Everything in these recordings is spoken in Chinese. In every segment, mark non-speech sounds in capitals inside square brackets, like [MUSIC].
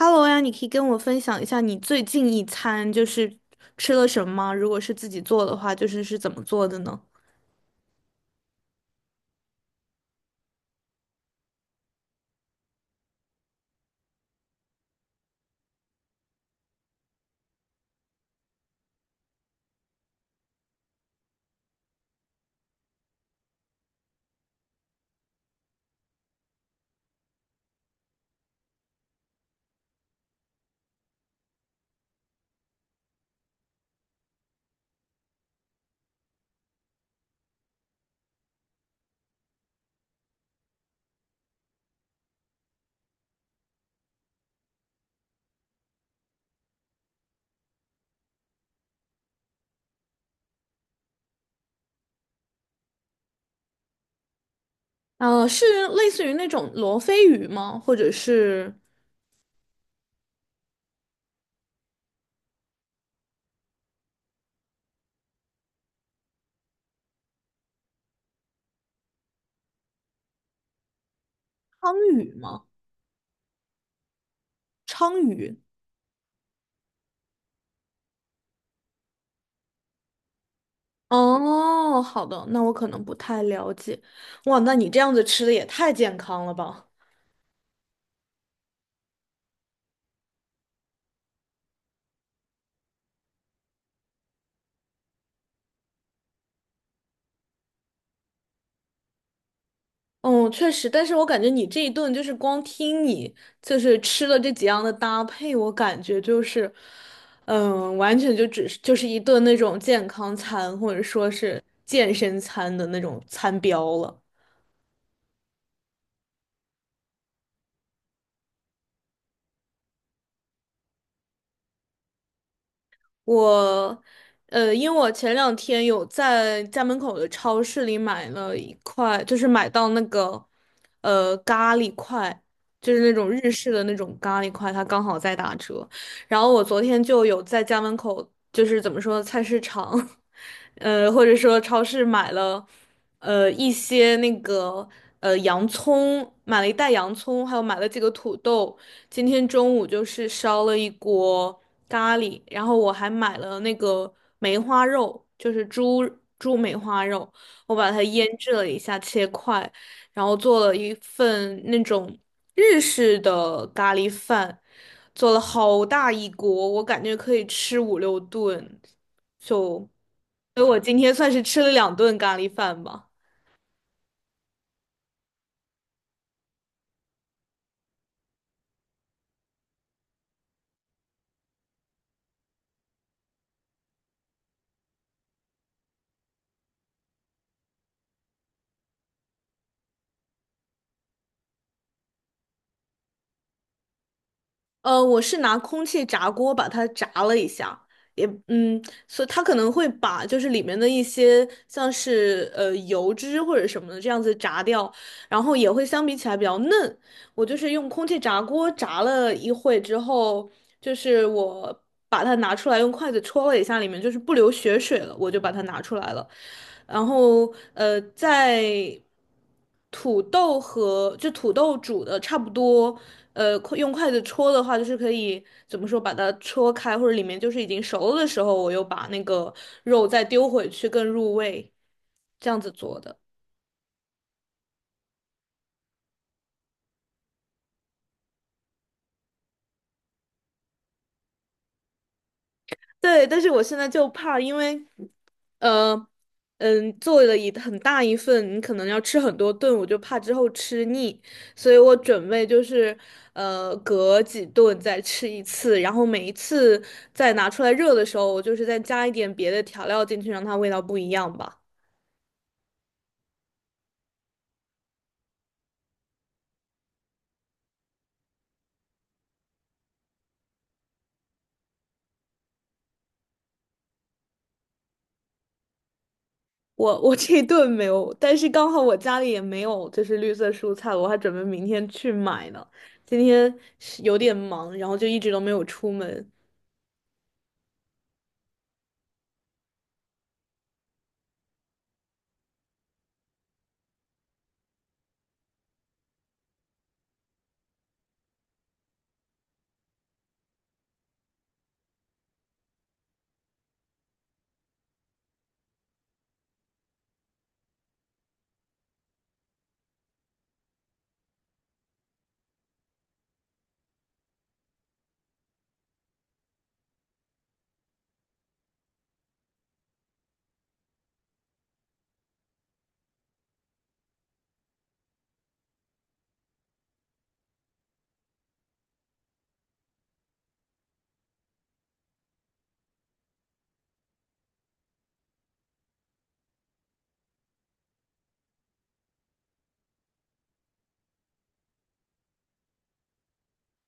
Hello 呀，你可以跟我分享一下你最近一餐就是吃了什么吗？如果是自己做的话，就是是怎么做的呢？是类似于那种罗非鱼吗？或者是鲳鱼吗？鲳鱼。哦，好的，那我可能不太了解。哇，那你这样子吃的也太健康了吧？嗯，确实，但是我感觉你这一顿就是光听你就是吃了这几样的搭配，我感觉就是，完全就只是就是一顿那种健康餐或者说是健身餐的那种餐标了。我，因为我前两天有在家门口的超市里买了一块，就是买到那个，咖喱块，就是那种日式的那种咖喱块，它刚好在打折。然后我昨天就有在家门口，就是怎么说，菜市场，[LAUGHS] 或者说超市买了，一些那个，洋葱，买了一袋洋葱，还有买了几个土豆。今天中午就是烧了一锅。咖喱，然后我还买了那个梅花肉，就是猪梅花肉，我把它腌制了一下，切块，然后做了一份那种日式的咖喱饭，做了好大一锅，我感觉可以吃五六顿，就，所以我今天算是吃了2顿咖喱饭吧。我是拿空气炸锅把它炸了一下，也所以它可能会把就是里面的一些像是油脂或者什么的这样子炸掉，然后也会相比起来比较嫩，我就是用空气炸锅炸了一会之后，就是我把它拿出来，用筷子戳了一下，里面就是不流血水了，我就把它拿出来了。然后在土豆就土豆煮的差不多，快用筷子戳的话，就是可以怎么说把它戳开，或者里面就是已经熟了的时候，我又把那个肉再丢回去更入味，这样子做的。对，但是我现在就怕，因为呃，做了一很大一份，你可能要吃很多顿，我就怕之后吃腻，所以我准备就是隔几顿再吃一次，然后每一次再拿出来热的时候，我就是再加一点别的调料进去，让它味道不一样吧。我这一顿没有，但是刚好我家里也没有就是绿色蔬菜，我还准备明天去买呢。今天是有点忙，然后就一直都没有出门。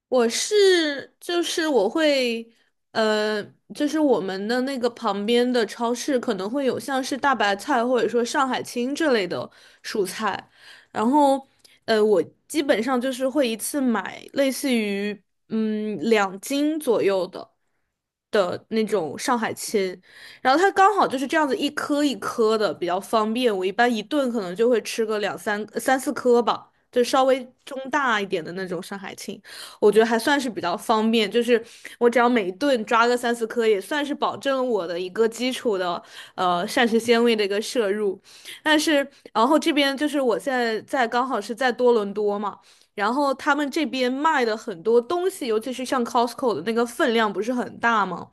我是就是我会，呃，就是我们的那个旁边的超市可能会有像是大白菜或者说上海青这类的蔬菜，然后，我基本上就是会一次买类似于2斤左右的那种上海青，然后它刚好就是这样子一颗一颗的，比较方便。我一般一顿可能就会吃个三四颗吧，就稍微中大一点的那种上海青。我觉得还算是比较方便，就是我只要每一顿抓个三四颗，也算是保证我的一个基础的膳食纤维的一个摄入。但是然后这边就是我现在在刚好是在多伦多嘛。然后他们这边卖的很多东西，尤其是像 Costco 的那个分量不是很大吗？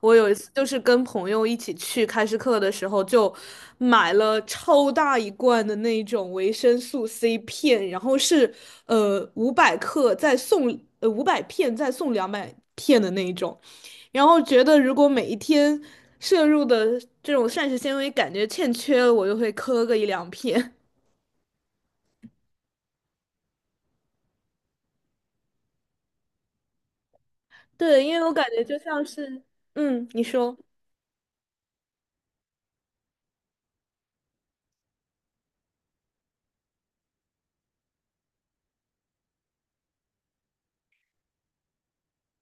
我有一次就是跟朋友一起去开市客的时候，就买了超大一罐的那种维生素 C 片，然后是500克再送500片再送200片的那一种，然后觉得如果每一天摄入的这种膳食纤维感觉欠缺了，我就会磕个一两片。[LAUGHS] 对，因为我感觉就像是，嗯，你说。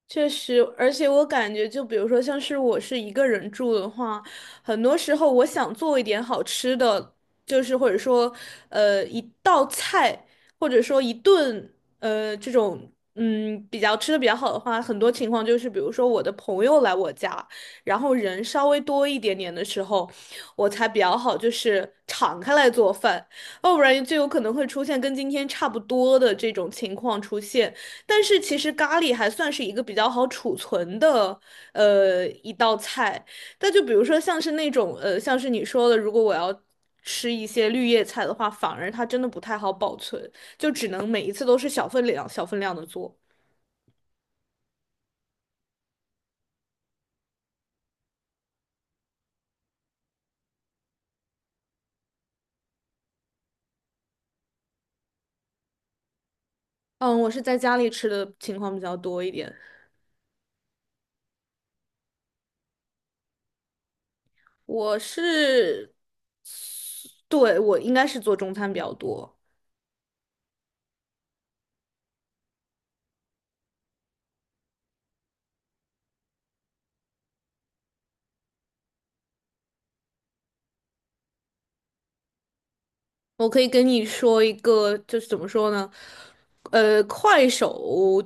确实，而且我感觉，就比如说，像是我是一个人住的话，很多时候我想做一点好吃的，就是或者说，一道菜，或者说一顿，这种，比较吃的比较好的话，很多情况就是，比如说我的朋友来我家，然后人稍微多一点点的时候，我才比较好，就是敞开来做饭，要不然就有可能会出现跟今天差不多的这种情况出现。但是其实咖喱还算是一个比较好储存的一道菜。但就比如说像是那种像是你说的，如果我要吃一些绿叶菜的话，反而它真的不太好保存，就只能每一次都是小分量、小分量的做。嗯，我是在家里吃的情况比较多一点。我是，对，我应该是做中餐比较多。我可以跟你说一个，就是怎么说呢？呃，快手，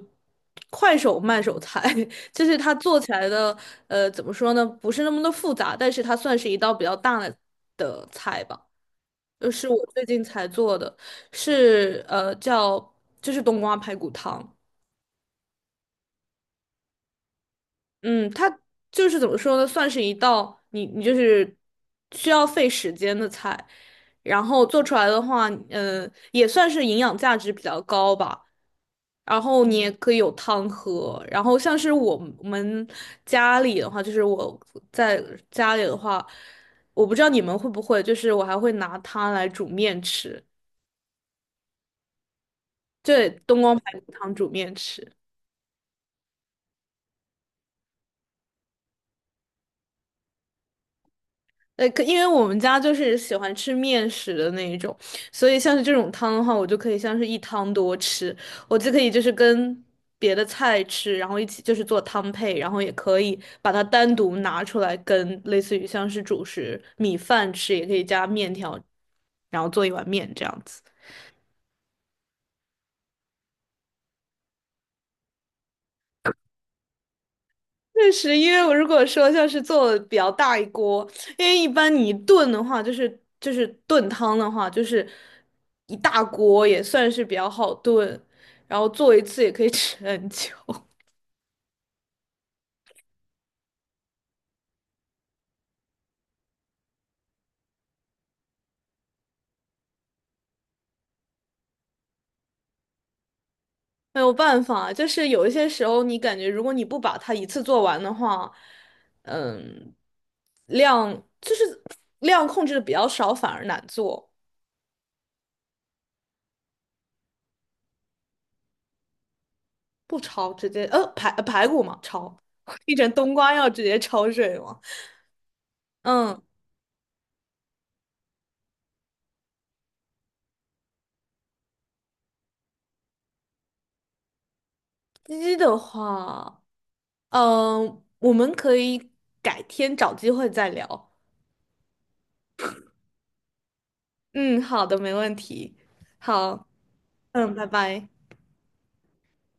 快手慢手菜，[LAUGHS] 就是它做起来的，怎么说呢？不是那么的复杂，但是它算是一道比较大的菜吧。就是我最近才做的，是叫就是冬瓜排骨汤。嗯，它就是怎么说呢，算是一道你就是需要费时间的菜，然后做出来的话，嗯，也算是营养价值比较高吧。然后你也可以有汤喝，然后像是我们家里的话，就是我在家里的话，我不知道你们会不会，就是我还会拿它来煮面吃，对，冬瓜排骨汤煮面吃。可因为我们家就是喜欢吃面食的那一种，所以像是这种汤的话，我就可以像是一汤多吃，我就可以就是跟别的菜吃，然后一起就是做汤配，然后也可以把它单独拿出来跟类似于像是主食米饭吃，也可以加面条，然后做一碗面这样子。确实，因为我如果说像是做比较大一锅，因为一般你炖的话，就是炖汤的话，就是一大锅也算是比较好炖，然后做一次也可以 [LAUGHS] 吃很久。[LAUGHS] 没有办法，就是有一些时候你感觉如果你不把它一次做完的话，嗯，量就是量控制的比较少，反而难做。不焯直接排骨嘛焯，[LAUGHS] 一整冬瓜要直接焯水嘛，嗯。鸡的话，嗯，我们可以改天找机会再聊。嗯，好的，没问题。好，嗯，拜拜。